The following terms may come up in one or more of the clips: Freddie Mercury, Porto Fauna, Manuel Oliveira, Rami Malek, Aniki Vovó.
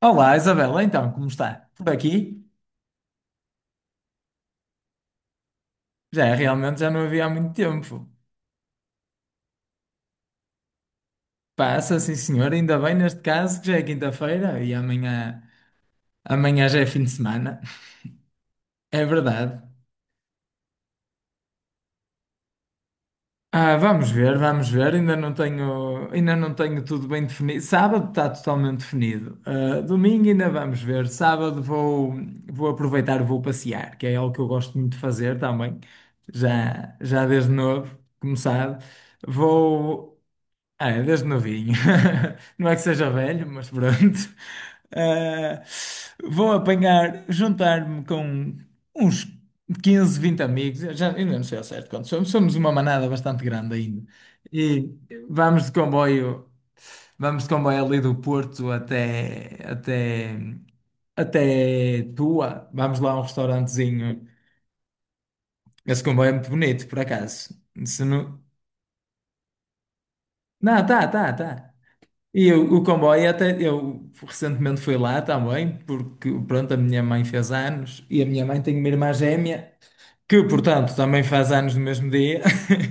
Olá, Isabela, então, como está? Por aqui? Já, realmente já não havia há muito tempo. Passa, sim senhor, ainda bem neste caso que já é quinta-feira e amanhã, já é fim de semana. É verdade. Ah, vamos ver, ainda não tenho tudo bem definido. Sábado está totalmente definido. Ah, domingo ainda vamos ver. Sábado vou aproveitar, vou passear, que é algo que eu gosto muito de fazer também, já desde novo, como sabe. Vou. Ah, é desde novinho. Não é que seja velho, mas pronto. Ah, vou apanhar, juntar-me com uns 15, 20 amigos. Eu já, ainda não sei ao certo quantos somos. Somos uma manada bastante grande ainda. E vamos de comboio, vamos de comboio ali do Porto até Tua. Vamos lá a um restaurantezinho. Esse comboio é muito bonito, por acaso. Se não... Não, tá, tá, tá. E o comboio até eu recentemente fui lá também, porque pronto, a minha mãe fez anos e a minha mãe tem uma irmã gêmea que, portanto, também faz anos no mesmo dia.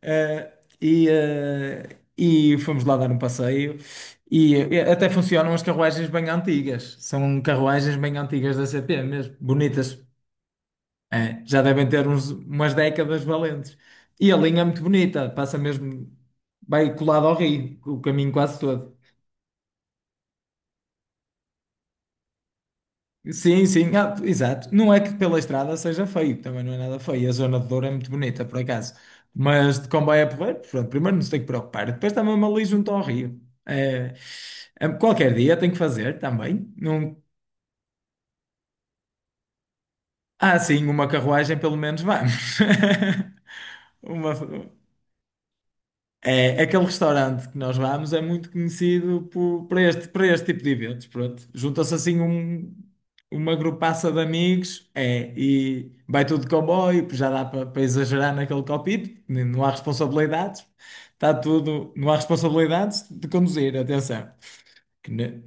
Eh, e fomos lá dar um passeio e até funcionam as carruagens bem antigas. São carruagens bem antigas da CP mesmo, bonitas. É, já devem ter umas décadas valentes. E a linha é muito bonita, passa mesmo, vai colado ao rio, o caminho quase todo. Sim, sim, ah, exato. Não é que pela estrada seja feio, também não é nada feio. A zona de Douro é muito bonita, por acaso. Mas de comboio é porreiro, pronto, primeiro não se tem que preocupar. Depois está mesmo ali junto ao rio. É, é, qualquer dia tem que fazer também. Não... Ah, sim, uma carruagem pelo menos vamos. Uma. É aquele restaurante que nós vamos é muito conhecido para este tipo de eventos, pronto. Junta-se assim uma grupaça de amigos, é, e vai tudo de comboio, pois já dá para exagerar naquele copito, porque não há responsabilidades, está tudo, não há responsabilidades de conduzir, atenção, que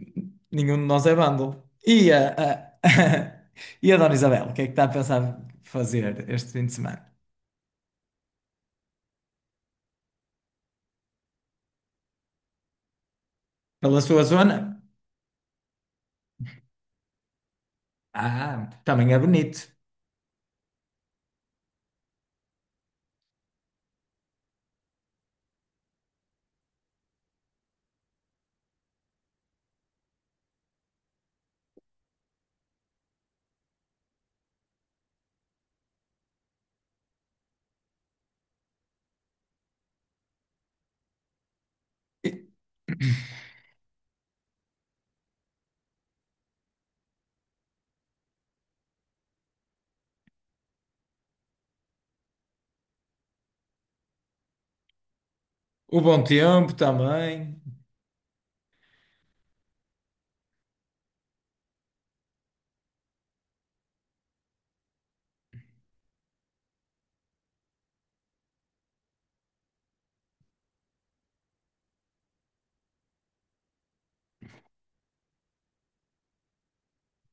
nenhum de nós é vândalo. E a Dona Isabel, o que é que está a pensar fazer este fim de semana? Pela sua zona? Ah, também é bonito. O bom tempo também.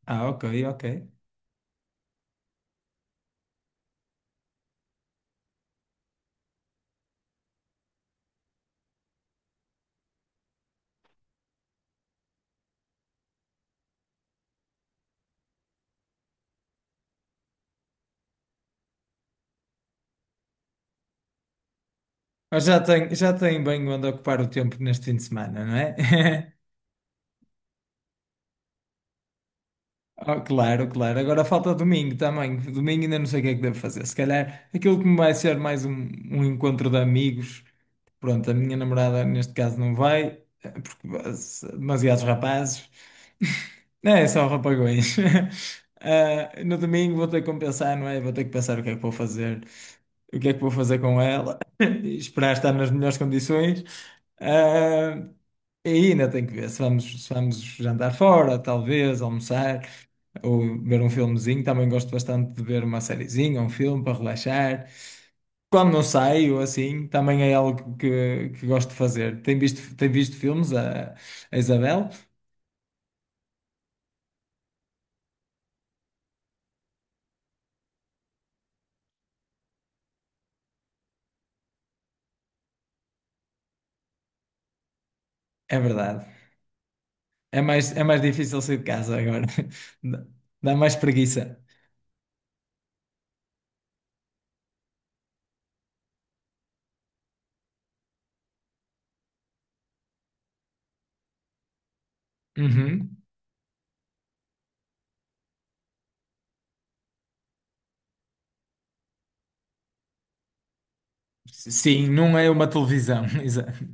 Ah, ok, ok. Mas já tem bem onde ocupar o tempo neste fim de semana, não é? Oh, claro, claro. Agora falta domingo também. Domingo ainda não sei o que é que devo fazer. Se calhar aquilo que me vai ser mais um encontro de amigos. Pronto, a minha namorada neste caso não vai, porque demasiados rapazes. É só rapagões. Ah, no domingo vou ter que compensar, não é? Vou ter que pensar o que é que vou fazer, o que é que vou fazer com ela, e esperar estar nas melhores condições. Ah, e ainda tenho que ver se vamos jantar fora, talvez, almoçar, ou ver um filmezinho. Também gosto bastante de ver uma sériezinha, um filme para relaxar. Quando não saio, assim, também é algo que gosto de fazer. Tem visto filmes a Isabel? É verdade. É mais difícil sair de casa agora. Dá Dá mais preguiça. Uhum. Sim, não é uma televisão. Exato.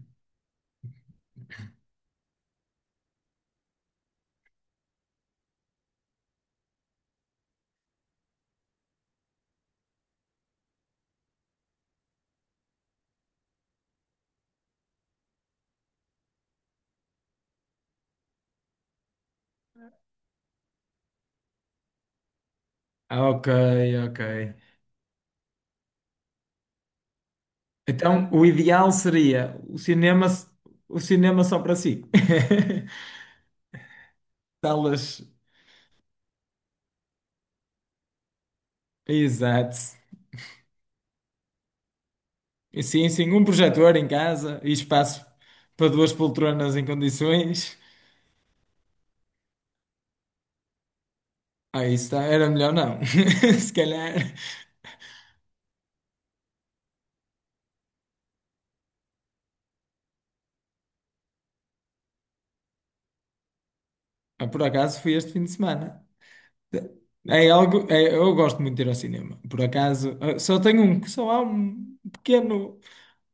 Ok, ok. Então, o ideal seria o cinema só para si. Salas. Exato. Sim, sim, um projetor em casa e espaço para duas poltronas em condições. Ah, era melhor não. Se calhar. Ah, por acaso fui este fim de semana. É algo, eu gosto muito de ir ao cinema. Por acaso, só há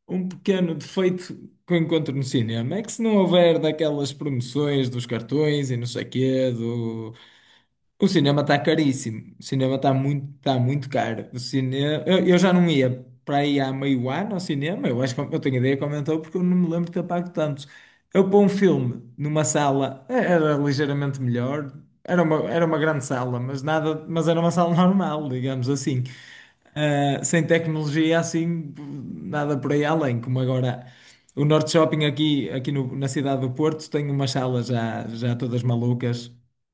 um pequeno defeito que eu encontro no cinema. É que se não houver daquelas promoções dos cartões e não sei quê, o cinema está caríssimo. O cinema tá muito caro. O cinema, eu já não ia para aí há meio ano ao cinema. Eu acho que eu tenho ideia que aumentou porque eu não me lembro de ter pago tanto. Eu pôr um filme numa sala era ligeiramente melhor. Era uma grande sala, mas nada, mas era uma sala normal, digamos assim. Sem tecnologia assim, nada por aí além, como agora o Norte Shopping aqui, na cidade do Porto tem umas salas já todas malucas.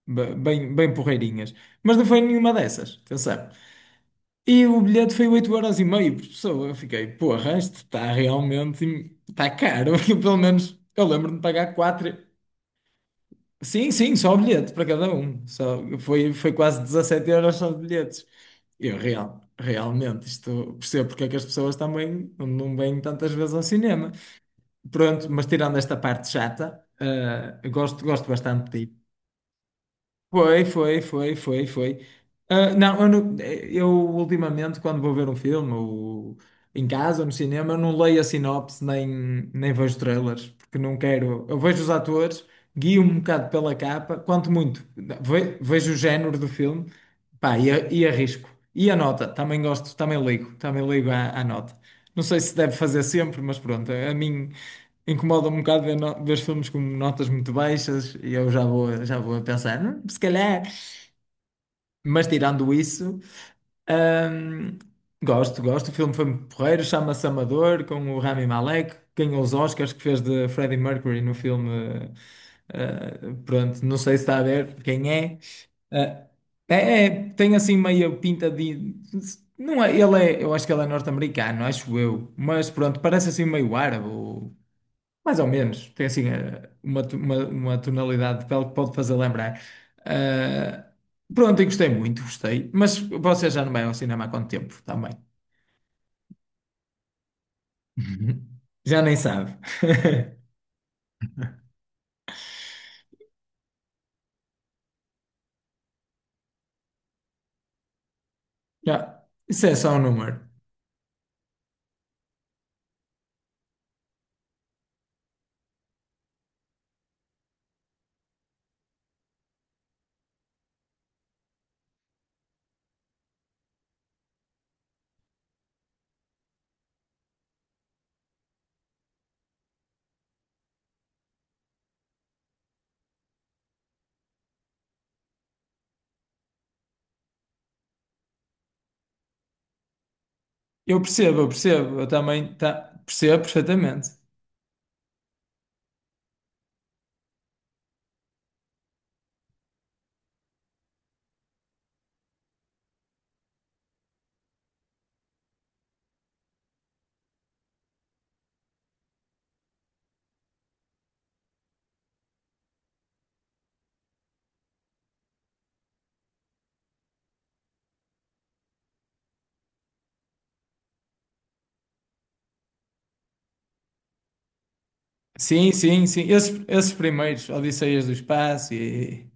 Bem, bem porreirinhas. Mas não foi nenhuma dessas, atenção. E o bilhete foi 8,5 € por pessoa. Eu fiquei, porra, isto está caro. Pelo menos eu lembro-me de pagar quatro. Sim, sim, só o bilhete para cada um. Só, foi quase 17 euros só de bilhetes. Realmente, isto percebo porque é que as pessoas também não vêm tantas vezes ao cinema. Pronto, mas tirando esta parte chata, gosto, gosto bastante de ir. Foi, foi, foi, foi, foi. Ah, não, eu ultimamente, quando vou ver um filme ou em casa ou no cinema, eu não leio a sinopse nem vejo trailers, porque não quero. Eu vejo os atores, guio-me um bocado pela capa, quanto muito vejo o género do filme, pá, e arrisco. E a nota, também gosto, também ligo à nota. Não sei se deve fazer sempre, mas pronto, a mim incomoda um bocado ver, ver filmes com notas muito baixas e eu já vou a pensar, se calhar. Mas tirando isso, hum, gosto, gosto. O filme foi muito porreiro, chama-se Amador, com o Rami Malek. Ganhou os Oscars que fez de Freddie Mercury no filme. Pronto, não sei se está a ver quem é. Eh, é, tem assim meio pinta de. Não é, ele é, eu acho que ele é norte-americano, acho eu. Mas pronto, parece assim meio árabe. Mais ou menos, tem assim uma tonalidade de pele que pode fazer lembrar. Ah, pronto, e gostei muito, gostei. Mas você já não vai ao cinema há quanto tempo também? Uhum. Já nem sabe. Já, isso é só um número. Eu percebo, eu percebo, eu também tá, percebo perfeitamente. Sim, sim, sim. Esses primeiros, Odisseias do Espaço e.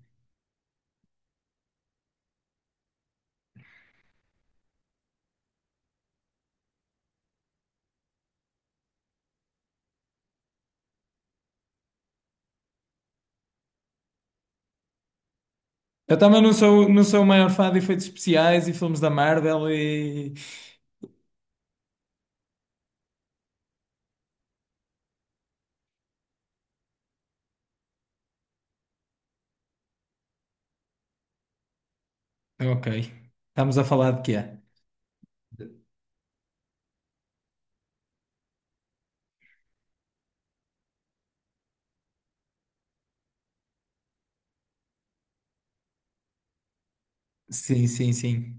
Eu também não sou o maior fã de efeitos especiais e filmes da Marvel e. Ok. Estamos a falar de quê? Sim, sim, sim.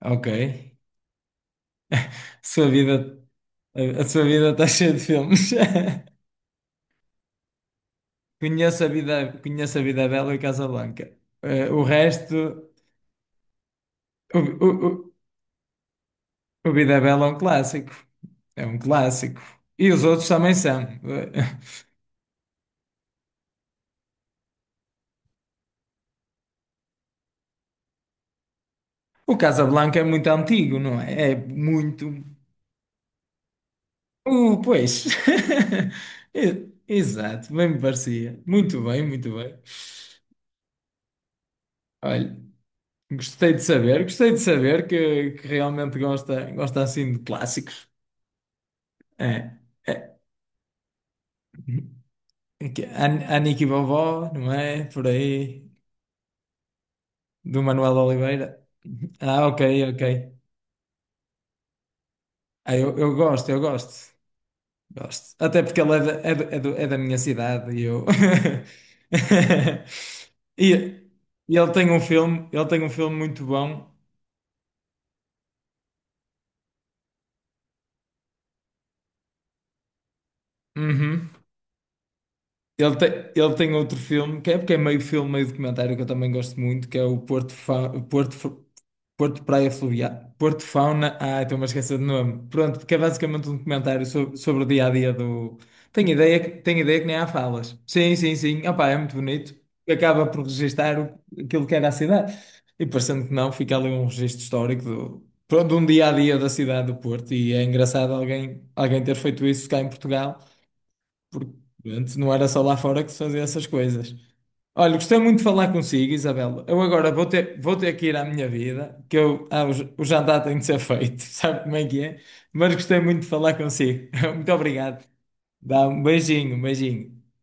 Ok. Sua vida, a sua vida está cheia de filmes. Conheço a Vida Bela e Casablanca. O resto, o, o, o, o Vida Bela é um clássico. É um clássico. E os outros também são. O Casablanca é muito antigo, não é? É muito. Pois. Exato, bem me parecia. Muito bem, muito bem. Olha. Gostei de saber que realmente gosta, gosta assim de clássicos. É, é. Aqui, Aniki Vovó, não é? Por aí, do Manuel Oliveira. Ah, ok, ok. Ah, eu gosto, eu gosto. Gosto. Até porque ele é da, é do- é do- é da minha cidade e eu. E, e ele tem um filme, ele tem um filme muito bom. Uhum. Ele tem, ele tem outro filme, que é porque é meio filme, meio documentário, que eu também gosto muito, que é o Porto Praia Fluvial. Porto Fauna. Ah, estou-me a esquecer do nome. Pronto, porque é basicamente um documentário sobre o dia a dia do. Tenho ideia que nem há falas. Sim, sim, sim. Opá, é muito bonito. Acaba por registar aquilo que era a cidade. E parecendo que não, fica ali um registro histórico do. Pronto, um dia a dia da cidade do Porto. E é engraçado alguém ter feito isso cá em Portugal porque antes não era só lá fora que se fazia essas coisas. Olha, gostei muito de falar consigo, Isabel. Eu agora vou ter que ir à minha vida, que eu, o jantar tem de ser feito, sabe como é que é? Mas gostei muito de falar consigo. Muito obrigado. Dá um beijinho, um beijinho.